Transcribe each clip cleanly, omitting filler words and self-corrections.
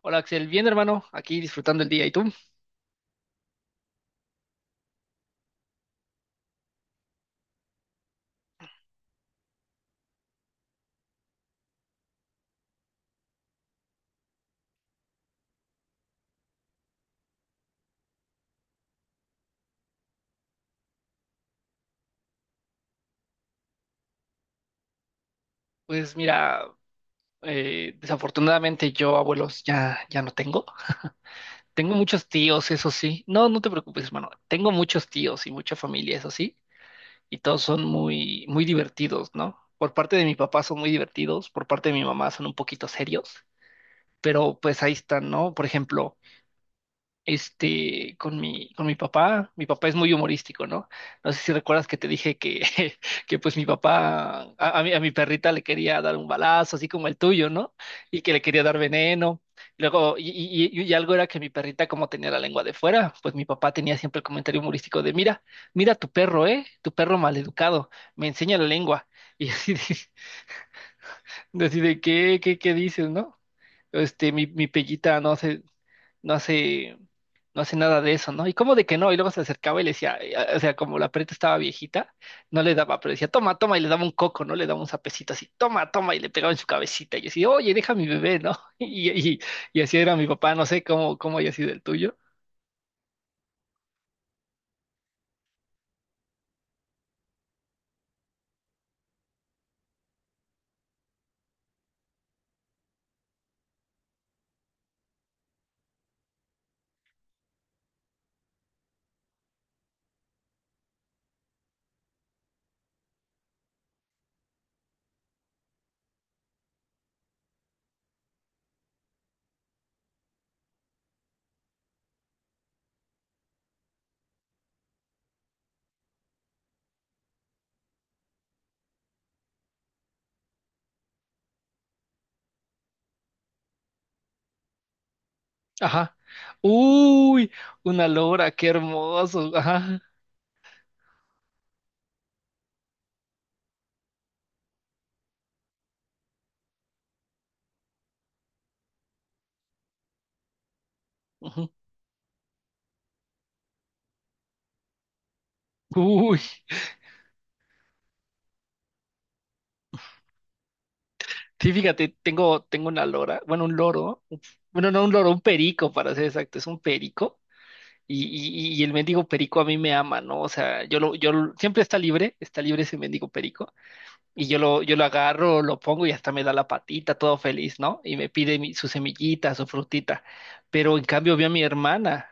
Hola Axel, bien hermano, aquí disfrutando el día. ¿Y tú? Pues mira, desafortunadamente yo abuelos ya no tengo. Tengo muchos tíos, eso sí. No te preocupes, hermano. Tengo muchos tíos y mucha familia, eso sí. Y todos son muy, muy divertidos, ¿no? Por parte de mi papá son muy divertidos, por parte de mi mamá son un poquito serios, pero pues ahí están, ¿no? Por ejemplo. Este, con mi papá. Mi papá es muy humorístico, ¿no? No sé si recuerdas que te dije que, que pues mi papá, a mi perrita le quería dar un balazo, así como el tuyo, ¿no? Y que le quería dar veneno. Luego, y algo era que mi perrita, como tenía la lengua de fuera, pues mi papá tenía siempre el comentario humorístico de, mira, mira tu perro, ¿eh? Tu perro maleducado, me enseña la lengua. Y así de, así de, ¿qué dices, no? Este, mi pellita, no sé, no hace, no hace nada de eso, ¿no? Y como de que no, y luego se acercaba y le decía, o sea, como la perrita estaba viejita, no le daba, pero decía, toma, toma, y le daba un coco, ¿no? Le daba un sapecito así, toma, toma, y le pegaba en su cabecita, y yo así, oye, deja a mi bebé, ¿no? Y, y, y así era mi papá, no sé cómo, cómo haya sido el tuyo. Ajá. Uy, una lora, qué hermoso. Ajá. Ujú. Uy, sí, fíjate, tengo una lora, bueno, un loro, bueno, no un loro, un perico, para ser exacto, es un perico. Y, y el mendigo perico a mí me ama, ¿no? O sea, siempre está libre ese mendigo perico, y yo lo agarro, lo pongo y hasta me da la patita, todo feliz, ¿no? Y me pide su semillita, su frutita. Pero en cambio veo a mi hermana,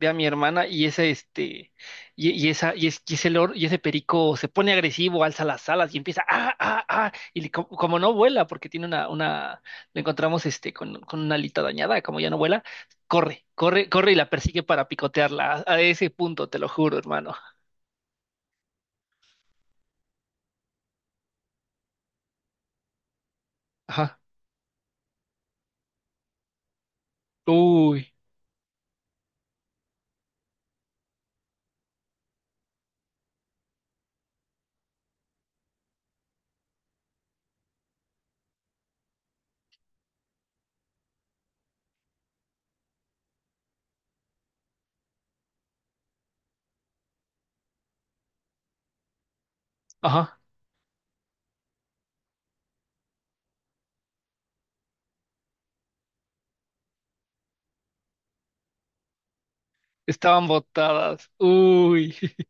ve a mi hermana y ese, este, y esa, y, es- y ese lor- y ese perico se pone agresivo, alza las alas y empieza, ah, ah, ah, como, no vuela, porque tiene una, lo encontramos, este, con una alita dañada, como ya no vuela, corre, corre, corre y la persigue para picotearla, a ese punto, te lo juro, hermano. Ajá, uy, ajá, estaban botadas, uy,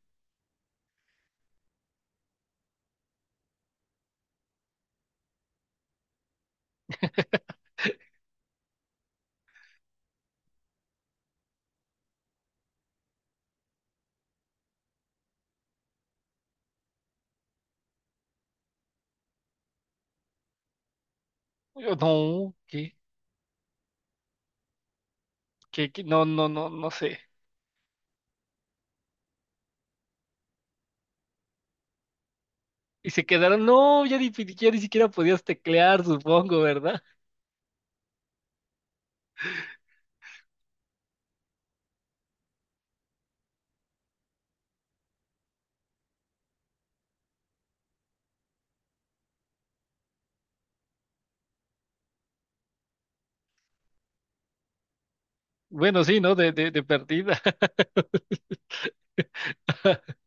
no, ¿qué? ¿Qué? No, no sé. Y se quedaron, no, ya ni siquiera podías teclear, supongo, ¿verdad? Bueno, sí, ¿no? De perdida.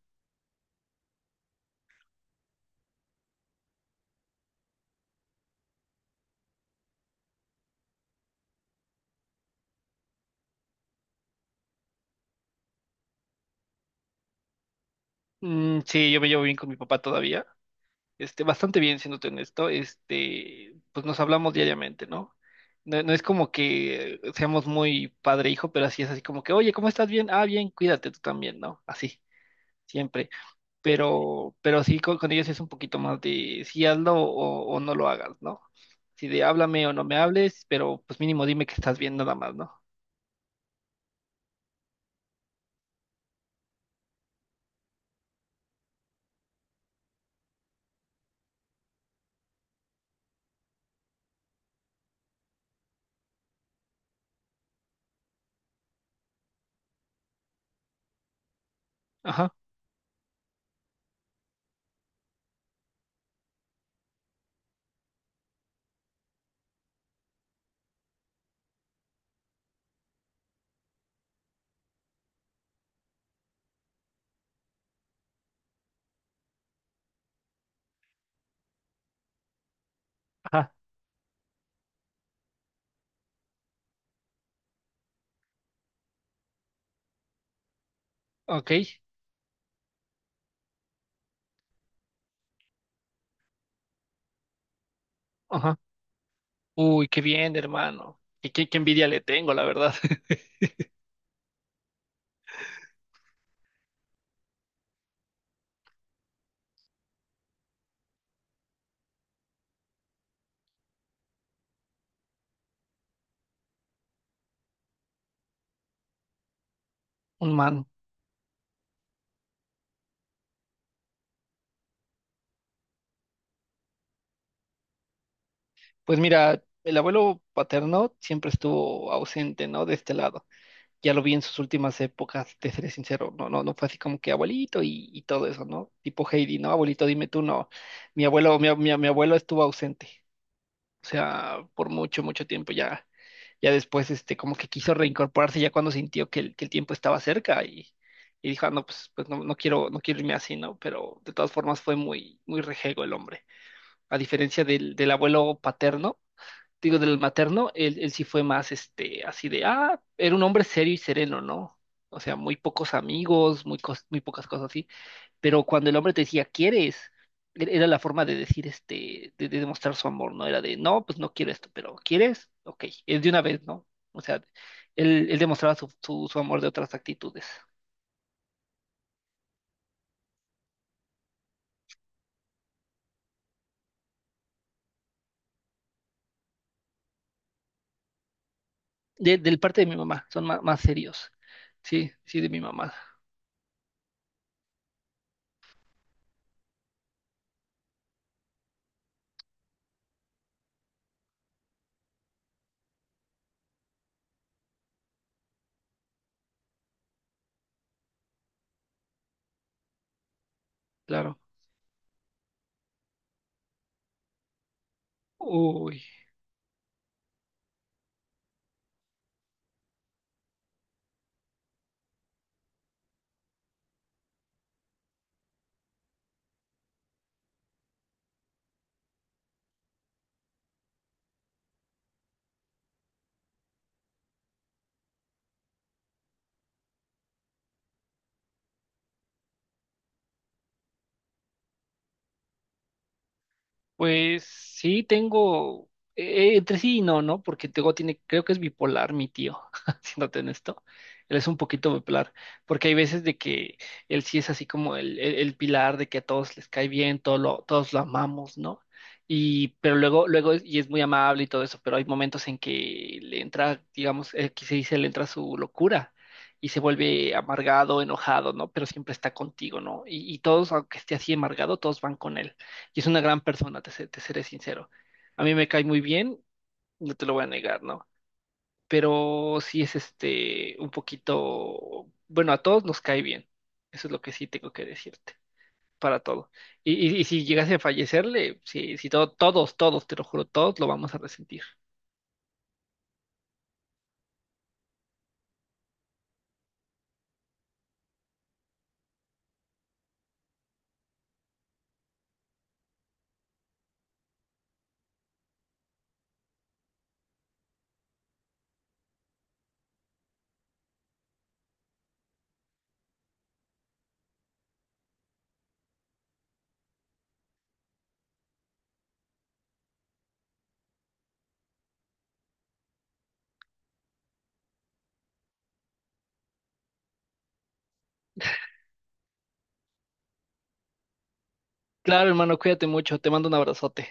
Mm, sí, yo me llevo bien con mi papá todavía. Este, bastante bien, siéndote honesto. Este, pues nos hablamos diariamente, ¿no? No, no es como que seamos muy padre e hijo, pero así es así como que, oye, ¿cómo estás? Bien, ah, bien, cuídate tú también, ¿no? Así, siempre. Pero sí con ellos es un poquito más de si hazlo o no lo hagas, ¿no? Si de háblame o no me hables, pero pues mínimo dime que estás bien nada más, ¿no? Ajá, ajá, ok, ajá. Uy, qué bien, hermano. Y qué, qué envidia le tengo, la verdad. Un man. Pues mira, el abuelo paterno siempre estuvo ausente, ¿no? De este lado. Ya lo vi en sus últimas épocas, te seré sincero. No fue así como que abuelito y todo eso, ¿no? Tipo Heidi, ¿no? Abuelito, dime tú, no. Mi abuelo estuvo ausente. O sea, por mucho, mucho tiempo ya. Ya después, este, como que quiso reincorporarse ya cuando sintió que el tiempo estaba cerca y dijo, "Ah, no, pues no, no quiero, no quiero irme así, ¿no? Pero de todas formas fue muy, muy rejego el hombre. A diferencia del abuelo paterno, digo, del materno, él sí fue más, este, así de, ah, era un hombre serio y sereno, ¿no? O sea, muy pocos amigos, muy pocas cosas así. Pero cuando el hombre te decía, ¿quieres? Era la forma de decir, este, de demostrar su amor, ¿no? Era de, no, pues no quiero esto, pero ¿quieres? Ok, es de una vez, ¿no? O sea, él demostraba su amor de otras actitudes. De, del parte de mi mamá, son más, serios. Sí, sí, de mi mamá, claro. Uy. Pues sí, tengo entre sí y no, ¿no? Porque tengo, tiene, creo que es bipolar mi tío, siéndote en esto. Él es un poquito bipolar, porque hay veces de que él sí es así como el pilar de que a todos les cae bien, todos lo amamos, ¿no? Y, pero y es muy amable y todo eso, pero hay momentos en que le entra, digamos, que se dice, le entra su locura y se vuelve amargado, enojado, ¿no? Pero siempre está contigo, ¿no? Y todos, aunque esté así amargado, todos van con él. Y es una gran persona, te seré sincero. A mí me cae muy bien, no te lo voy a negar, ¿no? Pero sí es este un poquito, bueno, a todos nos cae bien. Eso es lo que sí tengo que decirte, para todo. Y si llegase a fallecerle, sí, sí, todos, todos, te lo juro, todos lo vamos a resentir. Claro, hermano, cuídate mucho, te mando un abrazote.